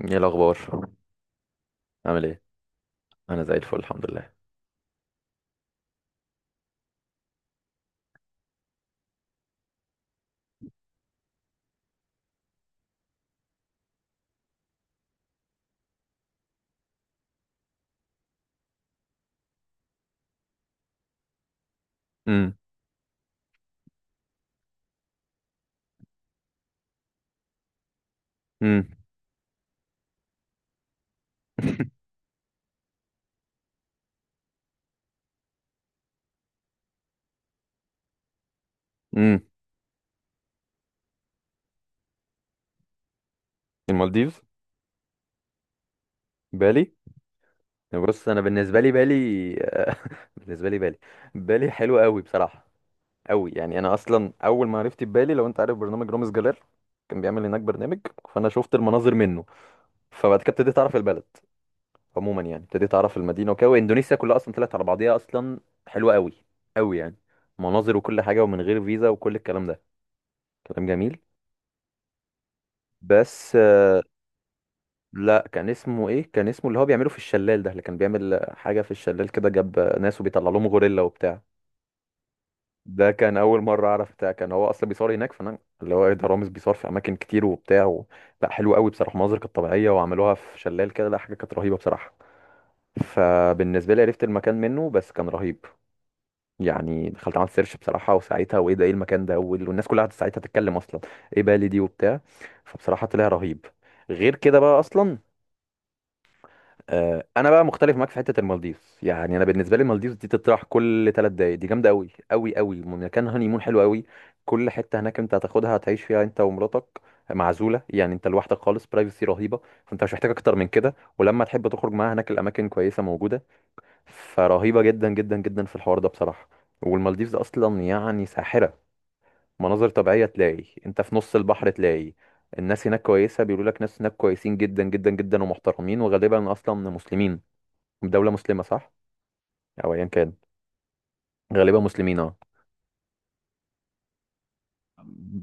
ايه الاخبار؟ عامل ايه؟ انا زي الفل الحمد لله. امم. امم. امم. المالديف. بالي. بص انا بالنسبه لي بالي. بالنسبه لي بالي. بالي حلو قوي بصراحه. قوي يعني، انا اصلا اول ما عرفت بالي، لو انت عارف برنامج رامز جلال كان بيعمل هناك برنامج، فانا شفت المناظر منه. فبعد كده ابتديت اعرف البلد عموما، يعني ابتديت اعرف المدينه وكده، واندونيسيا كلها اصلا طلعت على بعضيها اصلا. حلوه قوي، قوي يعني، مناظر وكل حاجه ومن غير فيزا وكل الكلام ده. كلام جميل. بس لا، كان اسمه ايه، كان اسمه اللي هو بيعمله في الشلال ده، اللي كان بيعمل حاجه في الشلال كده جاب ناس وبيطلع لهم غوريلا وبتاع. ده كان اول مره اعرف بتاع، كان هو اصلا بيصور هناك، فانا اللي هو ايه، ده رامز بيصور في اماكن كتير وبتاع و. لا حلو قوي بصراحه، المناظر كانت طبيعيه وعملوها في شلال كده. لا، حاجه كانت رهيبه بصراحه. فبالنسبه لي عرفت المكان منه، بس كان رهيب. يعني دخلت عملت سيرش بصراحه، وساعتها وايه ده ايه المكان ده، وال- والناس كلها قعدت ساعتها تتكلم اصلا ايه بالي دي وبتاع. فبصراحه طلع رهيب. غير كده بقى اصلا، انا بقى مختلف معاك في حته المالديف. يعني انا بالنسبه لي المالديف دي تطرح كل ثلاث دقايق، دي جامده قوي قوي قوي، مكان هاني مون حلو قوي. كل حته هناك انت هتاخدها هتعيش فيها انت ومراتك، معزوله يعني، انت لوحدك خالص، برايفسي رهيبه. فانت مش محتاج اكتر من كده، ولما تحب تخرج معاها هناك الاماكن كويسه موجوده. فرهيبه جدا جدا جدا في الحوار ده بصراحه. والمالديفز اصلا يعني ساحره، مناظر طبيعيه، تلاقي انت في نص البحر تلاقي. الناس هناك كويسه، بيقولوا لك ناس هناك كويسين جدا جدا جدا ومحترمين، وغالبا اصلا مسلمين. دولة مسلمة صح؟ أو أيا كان. غالبا مسلمين اه.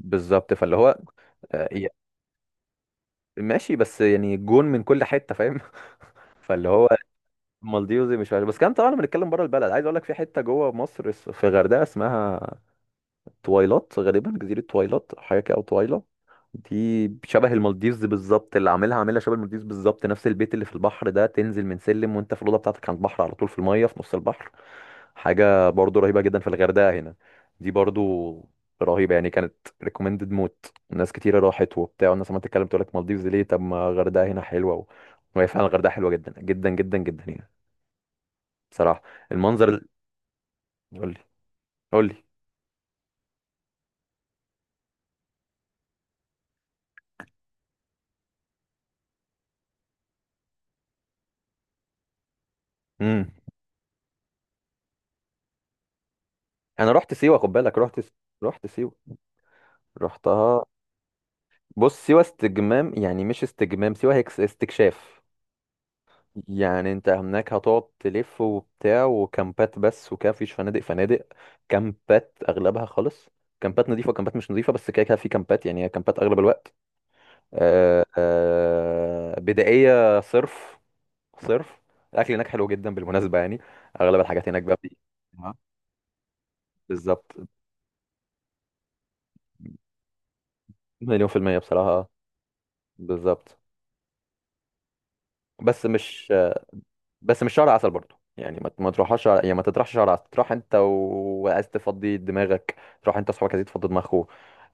بالظبط، فاللي هو آه، يا- ماشي بس يعني جون من كل حتة، فاهم؟ فاللي هو مالديوزي مش عارف، بس كان طبعا بنتكلم بره البلد. عايز أقول لك في حتة جوه مصر، في غردقة اسمها تويلات، غالبا جزيرة تويلات حاجة كده، أو تويلا. دي شبه المالديفز بالظبط، اللي عاملها عاملها شبه المالديفز بالظبط، نفس البيت اللي في البحر ده، تنزل من سلم وانت في الأوضة بتاعتك على البحر على طول في المية في نص البحر. حاجة برضو رهيبة جدا في الغردقة هنا دي برضو. رهيبة يعني كانت. ريكومندد موت، ناس كتيرة راحت وبتاع، والناس عمالة تتكلم تقول لك مالديفز ليه، طب ما الغردقة هنا حلوة و. وهي فعلا الغردقة حلوة جدا جدا جدا جدا هنا بصراحة. المنظر قول لي. قول لي. امم. انا رحت سيوة خد بالك، رحت، رحت سيوة، رحتها. بص سيوة استجمام، يعني مش استجمام، سيوة هي استكشاف يعني انت هناك هتقعد تلف وبتاع، وكامبات بس وكده، مفيش فنادق. فنادق كامبات اغلبها خالص. كامبات نظيفة وكامبات مش نظيفة، بس كده كده في كامبات، يعني هي كامبات اغلب الوقت. آه آه، بدائية صرف، صرف. الاكل هناك حلو جدا بالمناسبة، يعني اغلب الحاجات هناك بقى آه، بالظبط مليون في المية بصراحة، بالظبط بس مش بس مش شهر عسل برضو، يعني ما يعني ما تطرحش شهر عسل، تروح انت وعايز تفضي دماغك، تروح انت واصحابك عايزين تفضي دماغكوا.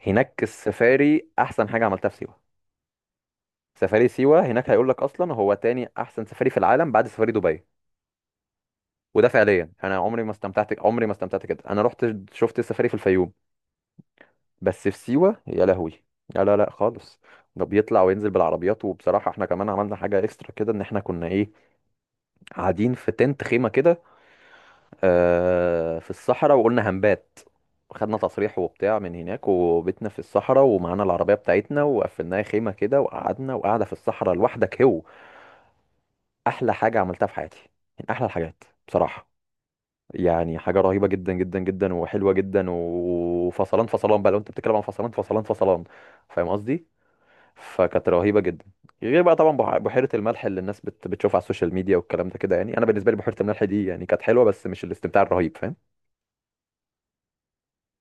هناك السفاري احسن حاجه عملتها في سيوه. سفاري سيوه، هناك هيقول لك اصلا هو تاني احسن سفاري في العالم بعد سفاري دبي. وده فعليا، انا عمري ما استمتعت، عمري ما استمتعت كده. انا رحت شفت السفاري في الفيوم، بس في سيوه يا لهوي، لا لا لا خالص. ده بيطلع وينزل بالعربيات، وبصراحه احنا كمان عملنا حاجه اكسترا كده، ان احنا كنا ايه، قاعدين في تنت خيمه كده، في الصحراء، وقلنا هنبات، خدنا تصريح وبتاع من هناك، وبيتنا في الصحراء ومعانا العربية بتاعتنا وقفلناها خيمة كده، وقعدنا وقاعدة في الصحراء لوحدك هو. أحلى حاجة عملتها في حياتي، من أحلى الحاجات بصراحة. يعني حاجة رهيبة جدا جدا جدا وحلوة جدا، وفصلان فصلان بقى، لو أنت بتتكلم عن فصلان فصلان فصلان. فاهم قصدي؟ فكانت رهيبة جدا. غير بقى طبعا بحيرة الملح، اللي الناس بتشوفها على السوشيال ميديا والكلام ده كده، يعني أنا بالنسبة لي بحيرة الملح دي يعني كانت حلوة، بس مش الاستمتاع الرهيب. فاهم؟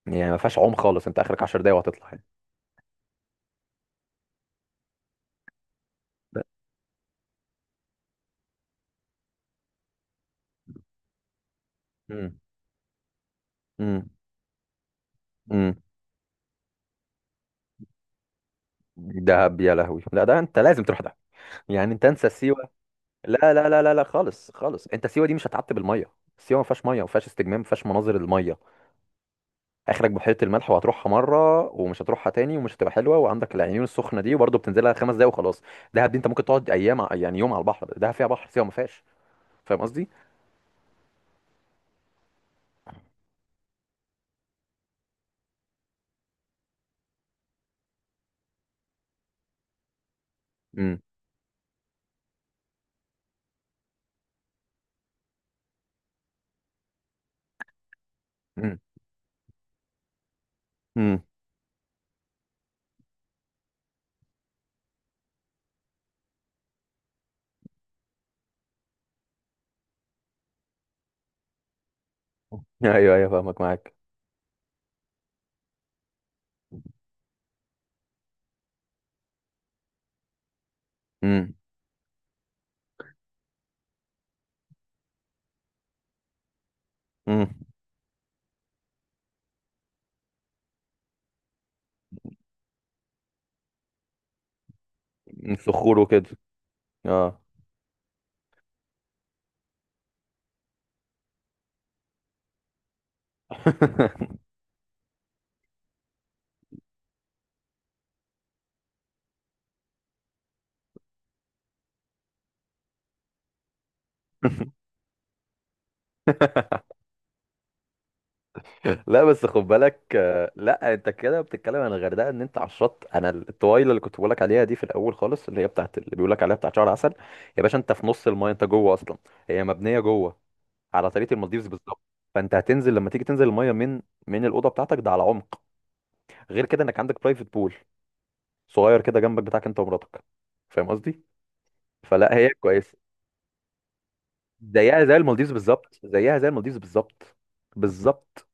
يعني ما فيهاش عوم خالص، انت اخرك 10 دقايق وهتطلع يعني. لا. امم. امم. امم. دهب يا لهوي، لا، ده انت لازم تروح دهب، يعني انت انسى سيوه. لا لا لا لا لا خالص خالص، انت سيوه دي مش هتعتب الميه، سيوه ما فيهاش ميه، ما فيهاش استجمام، ما فيهاش مناظر الميه، اخرك بحيره الملح وهتروحها مره ومش هتروحها تاني، ومش هتبقى حلوه، وعندك العيون السخنه دي، وبرضه بتنزلها خمس دقايق وخلاص. دهب دي انت ممكن تقعد ايام يعني يوم على البحر، دهب فيها بحر، سيوه ما فيهاش. فاهم قصدي. امم. امم. امم. ايوه ايوه فاهمك معاك. امم. امم. الصخور وكده. اه. لا، بس خد بالك، لا انت كده بتتكلم عن الغردقه ان انت على الشط، انا الطويله اللي كنت بقول لك عليها دي، في الاول خالص، اللي هي بتاعت، اللي بيقول لك عليها بتاعت شهر عسل. يا باشا، انت في نص المايه، انت جوه اصلا. هي مبنيه جوه على طريقه المالديفز بالظبط. فانت هتنزل لما تيجي تنزل المايه من الاوضه بتاعتك ده على عمق. غير كده انك عندك برايفت بول صغير كده جنبك بتاعك انت ومراتك. فاهم قصدي. فلا هي كويسه. زيها زي المالديفز بالظبط، زيها زي المالديفز بالظبط، بالظبط.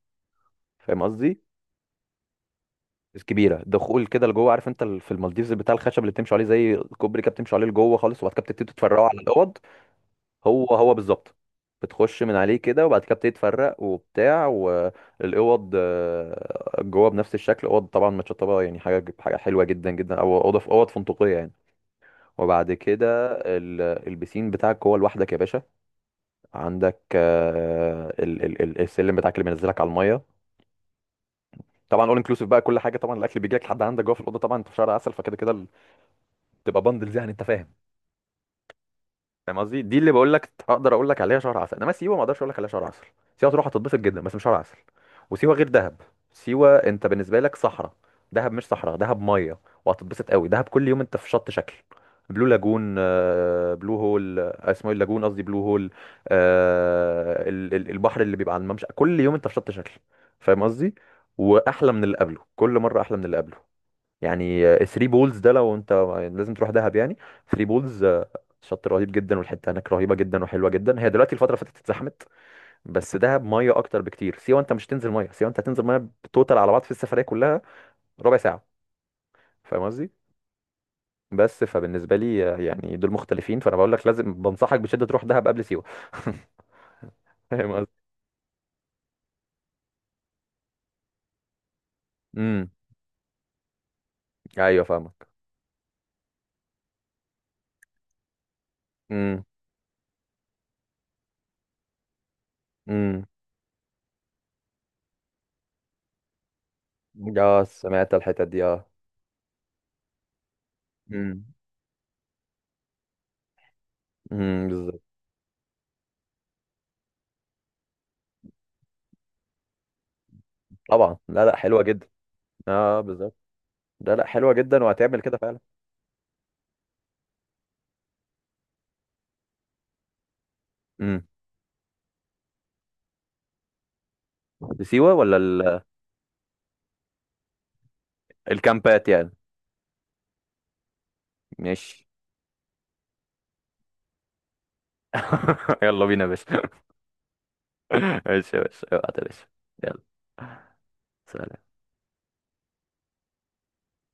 فاهم قصدي. الكبيره دخول كده لجوه، عارف انت في المالديفز بتاع الخشب اللي بتمشوا عليه زي الكوبري كده، بتمشوا عليه لجوه خالص، وبعد كده بتبتدي تفرقوا على الاوض. هو هو بالظبط. بتخش من عليه كده، وبعد كده بتبتدي تفرق وبتاع، والاوض جوه بنفس الشكل، اوض طبعا متشطبه، يعني حاجه حاجه حلوه جدا جدا، او اوضه في اوض فندقيه يعني. وبعد كده البسين بتاعك جوه لوحدك يا باشا. عندك السلم بتاعك اللي بينزلك على الميه. طبعا اول انكلوسيف بقى، كل حاجه طبعا الاكل بيجي لك لحد عندك جوه في الاوضه، طبعا انت في شهر عسل فكده كده، تبقى بندلز يعني، انت فاهم. فاهم قصدي. دي اللي بقول لك اقدر اقول لك عليها شهر عسل، انما سيوه ما اقدرش اقول لك عليها شهر عسل. سيوه تروح هتتبسط جدا، بس مش شهر عسل. وسيوه غير دهب. سيوه انت بالنسبه لك صحراء، دهب مش صحراء، دهب ميه. وهتتبسط قوي، دهب كل يوم انت في شط شكل. بلو لاجون، بلو هول، اسمه إيه، اللاجون قصدي بلو هول. البحر اللي بيبقى على الممشى، كل يوم انت في شط شكل. فاهم قصدي. واحلى من اللي قبله، كل مره احلى من اللي قبله. يعني 3 بولز، ده لو انت لازم تروح دهب يعني. 3 بولز شط رهيب جدا، والحته هناك رهيبه جدا وحلوه جدا، هي دلوقتي الفتره اللي فاتت اتزحمت. بس دهب ميه اكتر بكتير، سيوه انت مش تنزل ميه، سيوه انت هتنزل ميه توتال على بعض في السفريه كلها ربع ساعه. فاهم قصدي. بس فبالنسبه لي يعني دول مختلفين، فانا بقول لك لازم، بنصحك بشده تروح دهب قبل سيوه. فاهم قصدي. امم. ايوه فاهمك. امم. امم. اه سمعت الحتت دي اه. امم. امم. بالظبط. طبعا لا لا حلوه جدا. اه بالظبط. لا لا حلوه جدا وهتعمل كده فعلا. امم. سيوه ولا الكامبات يعني. ماشي. يلا بينا يا باشا. ماشي يا باشا، ابعت يا باشا. يلا. سلام.